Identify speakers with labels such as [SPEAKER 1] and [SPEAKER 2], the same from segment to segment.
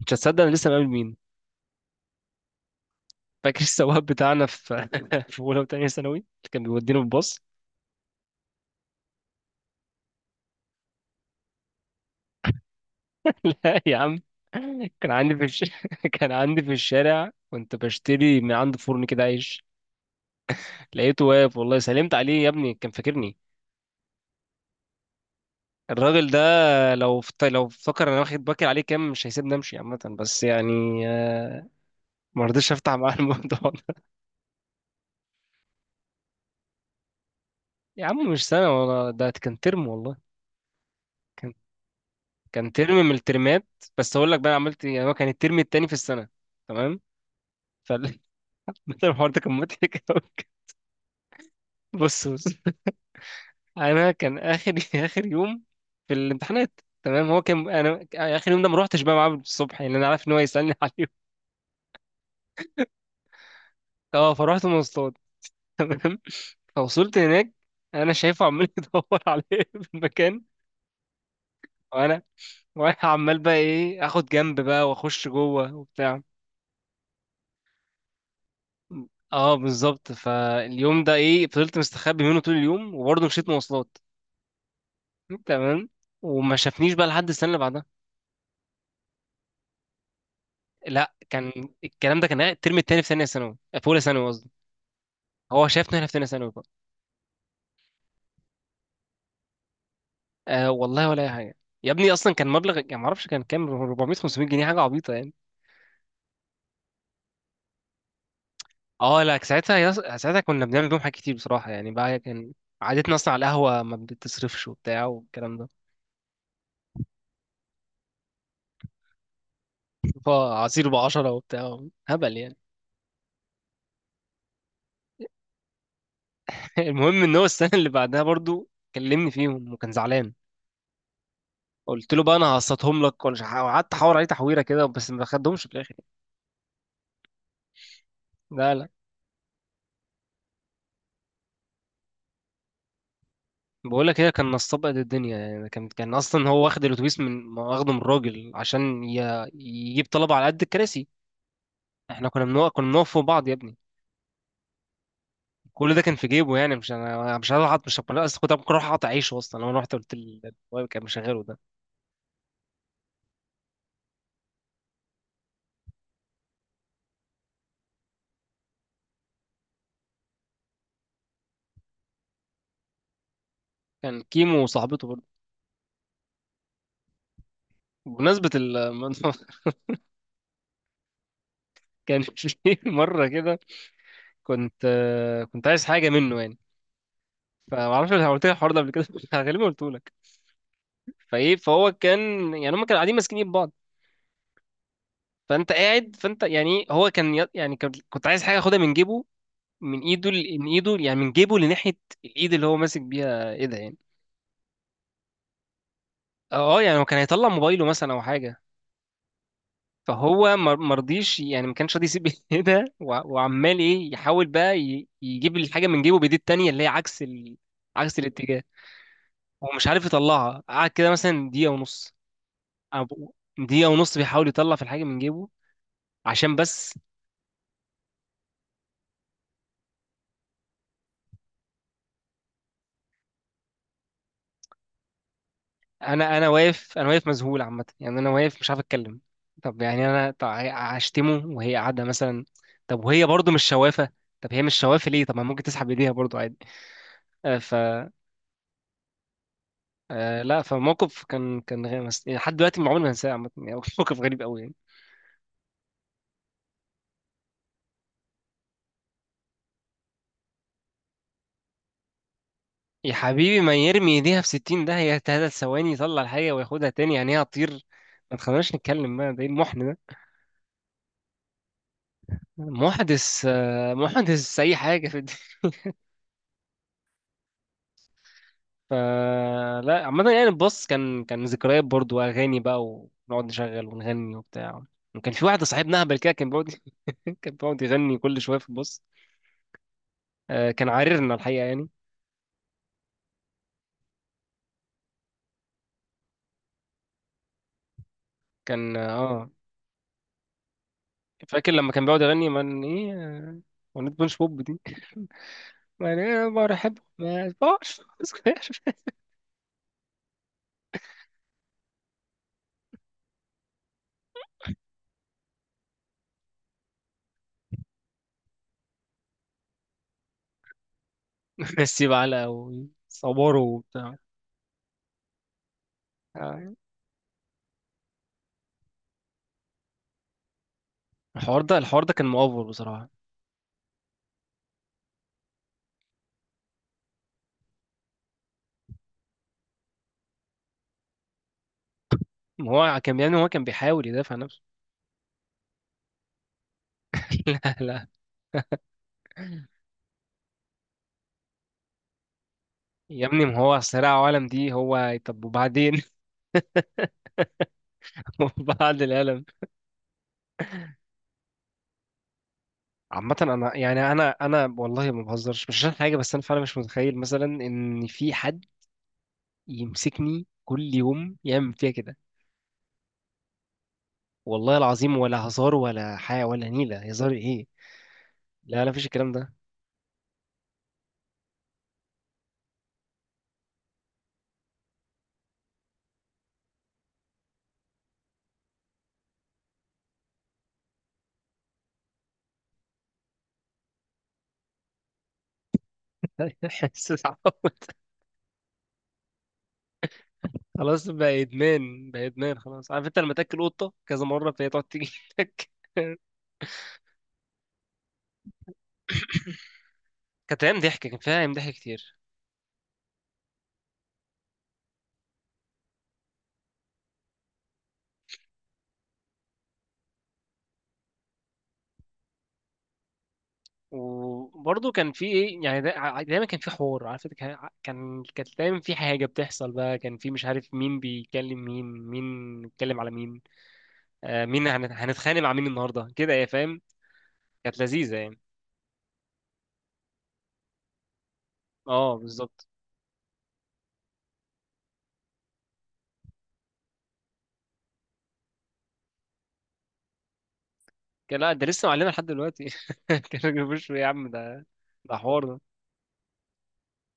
[SPEAKER 1] مش هتصدق، انا لسه مقابل مين؟ فاكر السواق بتاعنا في في اولى وثانيه ثانوي اللي كان بيودينا بالباص؟ لا يا عم. كان عندي في كان عندي في الشارع، كنت بشتري من عند فرن كده عيش. لقيته واقف، والله سلمت عليه يا ابني، كان فاكرني. الراجل ده لو لو فكر انا واخد باكر عليه كام، مش هيسيبني امشي. عامه بس يعني، آه، ما رضيتش افتح معاه الموضوع ده. يا عم مش سنه، والله ده كان ترم والله. كان كان ترم من الترمات. بس اقول لك بقى أنا عملت إيه. يعني هو كان الترم التاني في السنه، تمام؟ فال مثلا الحوار ده كان مضحك أوي. بص بص، انا كان اخر يوم في الامتحانات، تمام؟ هو كان انا اخر يوم ده ما روحتش بقى معاه الصبح، يعني انا عارف ان هو يسالني عليه. اه، فرحت مواصلات، تمام. فوصلت هناك، انا شايفه عمال يدور عليا في المكان. وانا وانا عمال بقى ايه، اخد جنب بقى واخش جوه وبتاع. اه بالظبط، فاليوم ده ايه، فضلت مستخبي منه طول اليوم وبرضه مشيت مواصلات، تمام. وما شافنيش بقى لحد السنه اللي بعدها. لا، كان الكلام ده كان الترم التاني في ثانيه ثانوي، في اولى ثانوي قصدي. هو شافنا هنا في ثانيه ثانوي بقى. آه والله، ولا اي حاجه. يا ابني اصلا كان مبلغ، يعني ما اعرفش كان كام، 400 500 جنيه، حاجه عبيطه يعني. اه لا ساعتها، ساعتها كنا بنعمل بيهم حاجات كتير بصراحه، يعني بقى كان عادتنا اصلا على القهوه، ما بتصرفش وبتاع والكلام ده. فعصير ب 10 وبتاع، هبل يعني. المهم ان هو السنه اللي بعدها برضو كلمني فيهم وكان زعلان. قلت له بقى انا هقسطهم لك ولا مش ه- قعدت احاور عليه تحويره كده، بس ما خدهمش في الاخر يعني. لا لا. بقول لك هي كان نصاب قد الدنيا يعني. كان اصلا هو واخد الاتوبيس، من واخده من الراجل عشان يجيب طلبه على قد الكراسي. احنا كنا بنقف فوق بعض يا ابني. كل ده كان في جيبه، يعني مش انا. أنا مش هروح أقعد- مش هبقى- أنا اصلا كنت ممكن اروح اقطع عيشه اصلا لو انا رحت، قلت الواد كان مشغله ده. كان كيمو وصاحبته برضه. بمناسبة الموضوع، كان في مرة كده، كنت كنت عايز حاجة منه يعني. فمعرفش لو قلت لك الحوار ده قبل كده، غالبا قلت لك. فايه، فهو كان، يعني هم كانوا قاعدين ماسكين ايد بعض. فانت قاعد، فانت يعني هو كان ي- يعني كان- كنت عايز حاجه اخدها من جيبه، من ايده يعني، من جيبه لناحيه الايد اللي هو ماسك بيها، ايه ده يعني. اه يعني هو كان هيطلع موبايله مثلا او حاجه. فهو ما رضيش يعني، ما كانش راضي يسيب ايه ده. وعمال ايه، يحاول بقى يجيب الحاجه من جيبه بايديه التانيه اللي هي عكس عكس الاتجاه. هو مش عارف يطلعها، قعد كده مثلا دقيقه ونص. أو- دقيقه ونص بيحاول يطلع في الحاجه من جيبه عشان بس. انا واقف، انا واقف مذهول عامه يعني، انا واقف مش عارف اتكلم. طب يعني انا، طب هشتمه وهي قاعده مثلا؟ طب وهي برضو مش شوافه. طب هي مش شوافه ليه؟ طب ما ممكن تسحب ايديها برضو عادي. آه، ف آه، لا فموقف كان كان غير مس- يعني لحد دلوقتي عمري ما هنساه عامه يعني. موقف غريب قوي يعني. يا حبيبي، ما يرمي ايديها في 60، ده هي ثلاث ثواني يطلع الحاجه وياخدها تاني يعني، هي هتطير. ما تخليناش نتكلم بقى، ده ايه المحن ده؟ محدث محدث اي حاجه في. فلا عامة يعني الباص كان، كان ذكريات برضو، أغاني بقى ونقعد نشغل ونغني وبتاع. وكان في واحد صاحبنا أهبل كده، كان بيقعد كان بيقعد يغني كل شوية في الباص. كان عاررنا الحقيقة يعني. كان اه. فاكر لما كان بيقعد يغني من ايه، أغنية بونش بوب دي. من ايه، برحب ما يسمعش. نسيب علقة وصباره وبتاع. آه، الحوار ده، الحوار ده كان مؤفر بصراحة. ما هو كان يعني، هو كان بيحاول يدافع عن نفسه. لا لا. يا ابني ما هو صراع عالم دي، هو طب وبعدين؟ وبعد العالم. عامة انا يعني، انا والله ما بهزرش، مش عشان حاجة، بس انا فعلا مش متخيل مثلا ان في حد يمسكني كل يوم يعمل فيها كده. والله العظيم ولا هزار ولا حاجة، ولا نيلة هزار ايه. لا لا، مفيش الكلام ده. استعبط. خلاص بقى ادمان بقى، ادمان خلاص. عارف انت لما تاكل قطة كذا مرة فهي تقعد تيجي لك. كانت ايام ضحك، كان فيها ايام ضحك كتير. وبرضه كان في ايه يعني، دايما كان في حوار، عارف انت، كان، كان كانت دايما في حاجه بتحصل بقى. كان في مش عارف مين بيكلم مين، مين بيتكلم على مين. آه، مين هنتخانق مع مين النهارده كده يا فاهم. كانت لذيذه يعني. اه بالظبط. كان، لا ده لسه معلمه لحد دلوقتي. كان بيقول يا عم ده، ده حوار ده،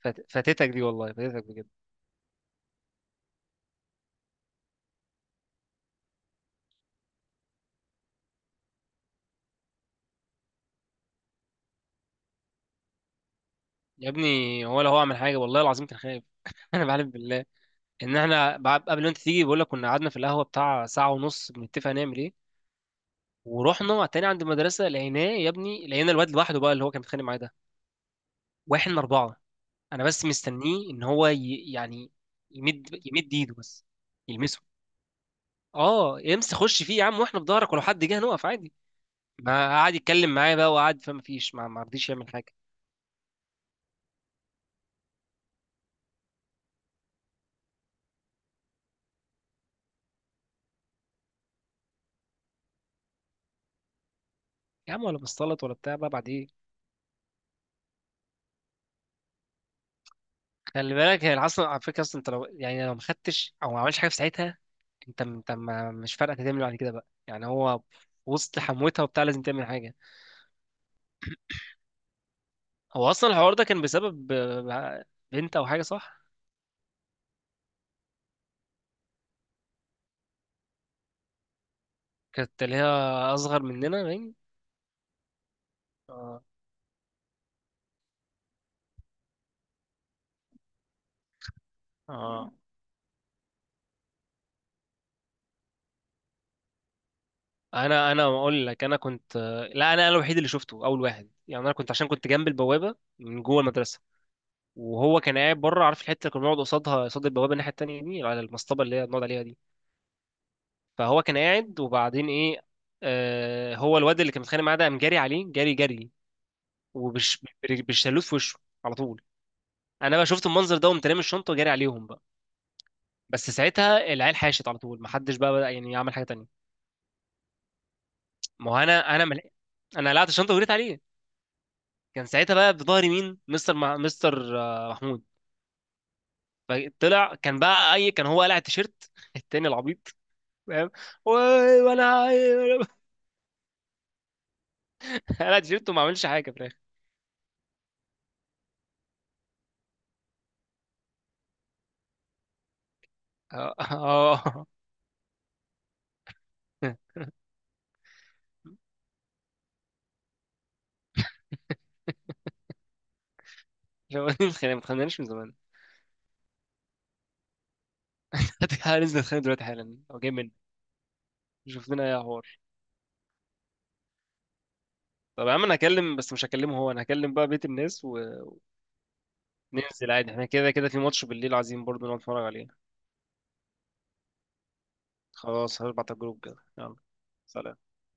[SPEAKER 1] فاتتك دي، والله فاتتك بجد. يا ابني هو لو هو عمل حاجه والله العظيم كان خايف. انا بعلم بالله ان احنا قبل ما انت تيجي، بقول لك كنا قعدنا في القهوه بتاع ساعه ونص بنتفق نعمل ايه. ورحنا تاني عند المدرسه، لقيناه يا ابني، لقينا الواد لوحده بقى اللي هو كان بيتخانق معاه ده، واحد من اربعه. انا بس مستنيه ان هو يعني يمد ايده بس، يلمسه. اه امسك خش فيه يا عم، واحنا في ظهرك، ولو حد جه هنقف عادي. ما قعد يتكلم معايا بقى وقعد، فما فيش، ما رضيش يعمل حاجه. يا عم ولا بصلت ولا بتاع بقى بعد ايه. خلي بالك هي اصلا على فكره، اصلا انت لو يعني لو ما خدتش او ما عملش حاجه في ساعتها، انت انت ما مش فارقه تعمل إيه بعد كده بقى يعني. هو في وسط حموتها وبتاع لازم تعمل حاجه. هو اصلا الحوار ده كان بسبب بنت او حاجه، صح؟ كانت اللي هي اصغر مننا باين. اه اه. انا اقول لك، انا كنت، لا انا الوحيد اللي شفته اول واحد يعني. انا كنت عشان كنت جنب البوابه من جوه المدرسه، وهو كان قاعد بره. عارف الحته اللي كنا بنقعد قصادها، قصاد البوابه الناحيه التانيه دي، على المصطبه اللي هي بنقعد عليها دي. فهو كان قاعد، وبعدين ايه، آه هو الواد اللي كان متخانق معاه ده قام جاري عليه، جاري جري، وبالشلوت في وشه على طول. انا بقى شفت المنظر ده وقمت رامي الشنطه وجاري عليهم، بس ساعتها العيال حاشت على طول، محدش بقى بدأ يعني يعمل حاجه تانية. ما هو انا، انا قلعت الشنطه وجريت عليه. كان ساعتها بقى بظهري مين، مستر مستر محمود. طلع كان بقى اي، كان هو قلع التيشيرت التاني العبيط فاهم. و- وانا قلع التيشيرت وما عملش حاجه في الاخر. اه آه. لو ما اتخانقناش من زمان. هننزل نتخانق دلوقتي حالا، هو جاي مني. شوف لنا إيه يا حوار. طب يا عم انا هكلم، بس مش هكلمه هو، انا هكلم بقى بيت الناس. و ننزل عادي، احنا كده كده في ماتش بالليل عايزين برضه نقعد نتفرج عليه. خلاص هبعت على الجروب كده، يلا سلام.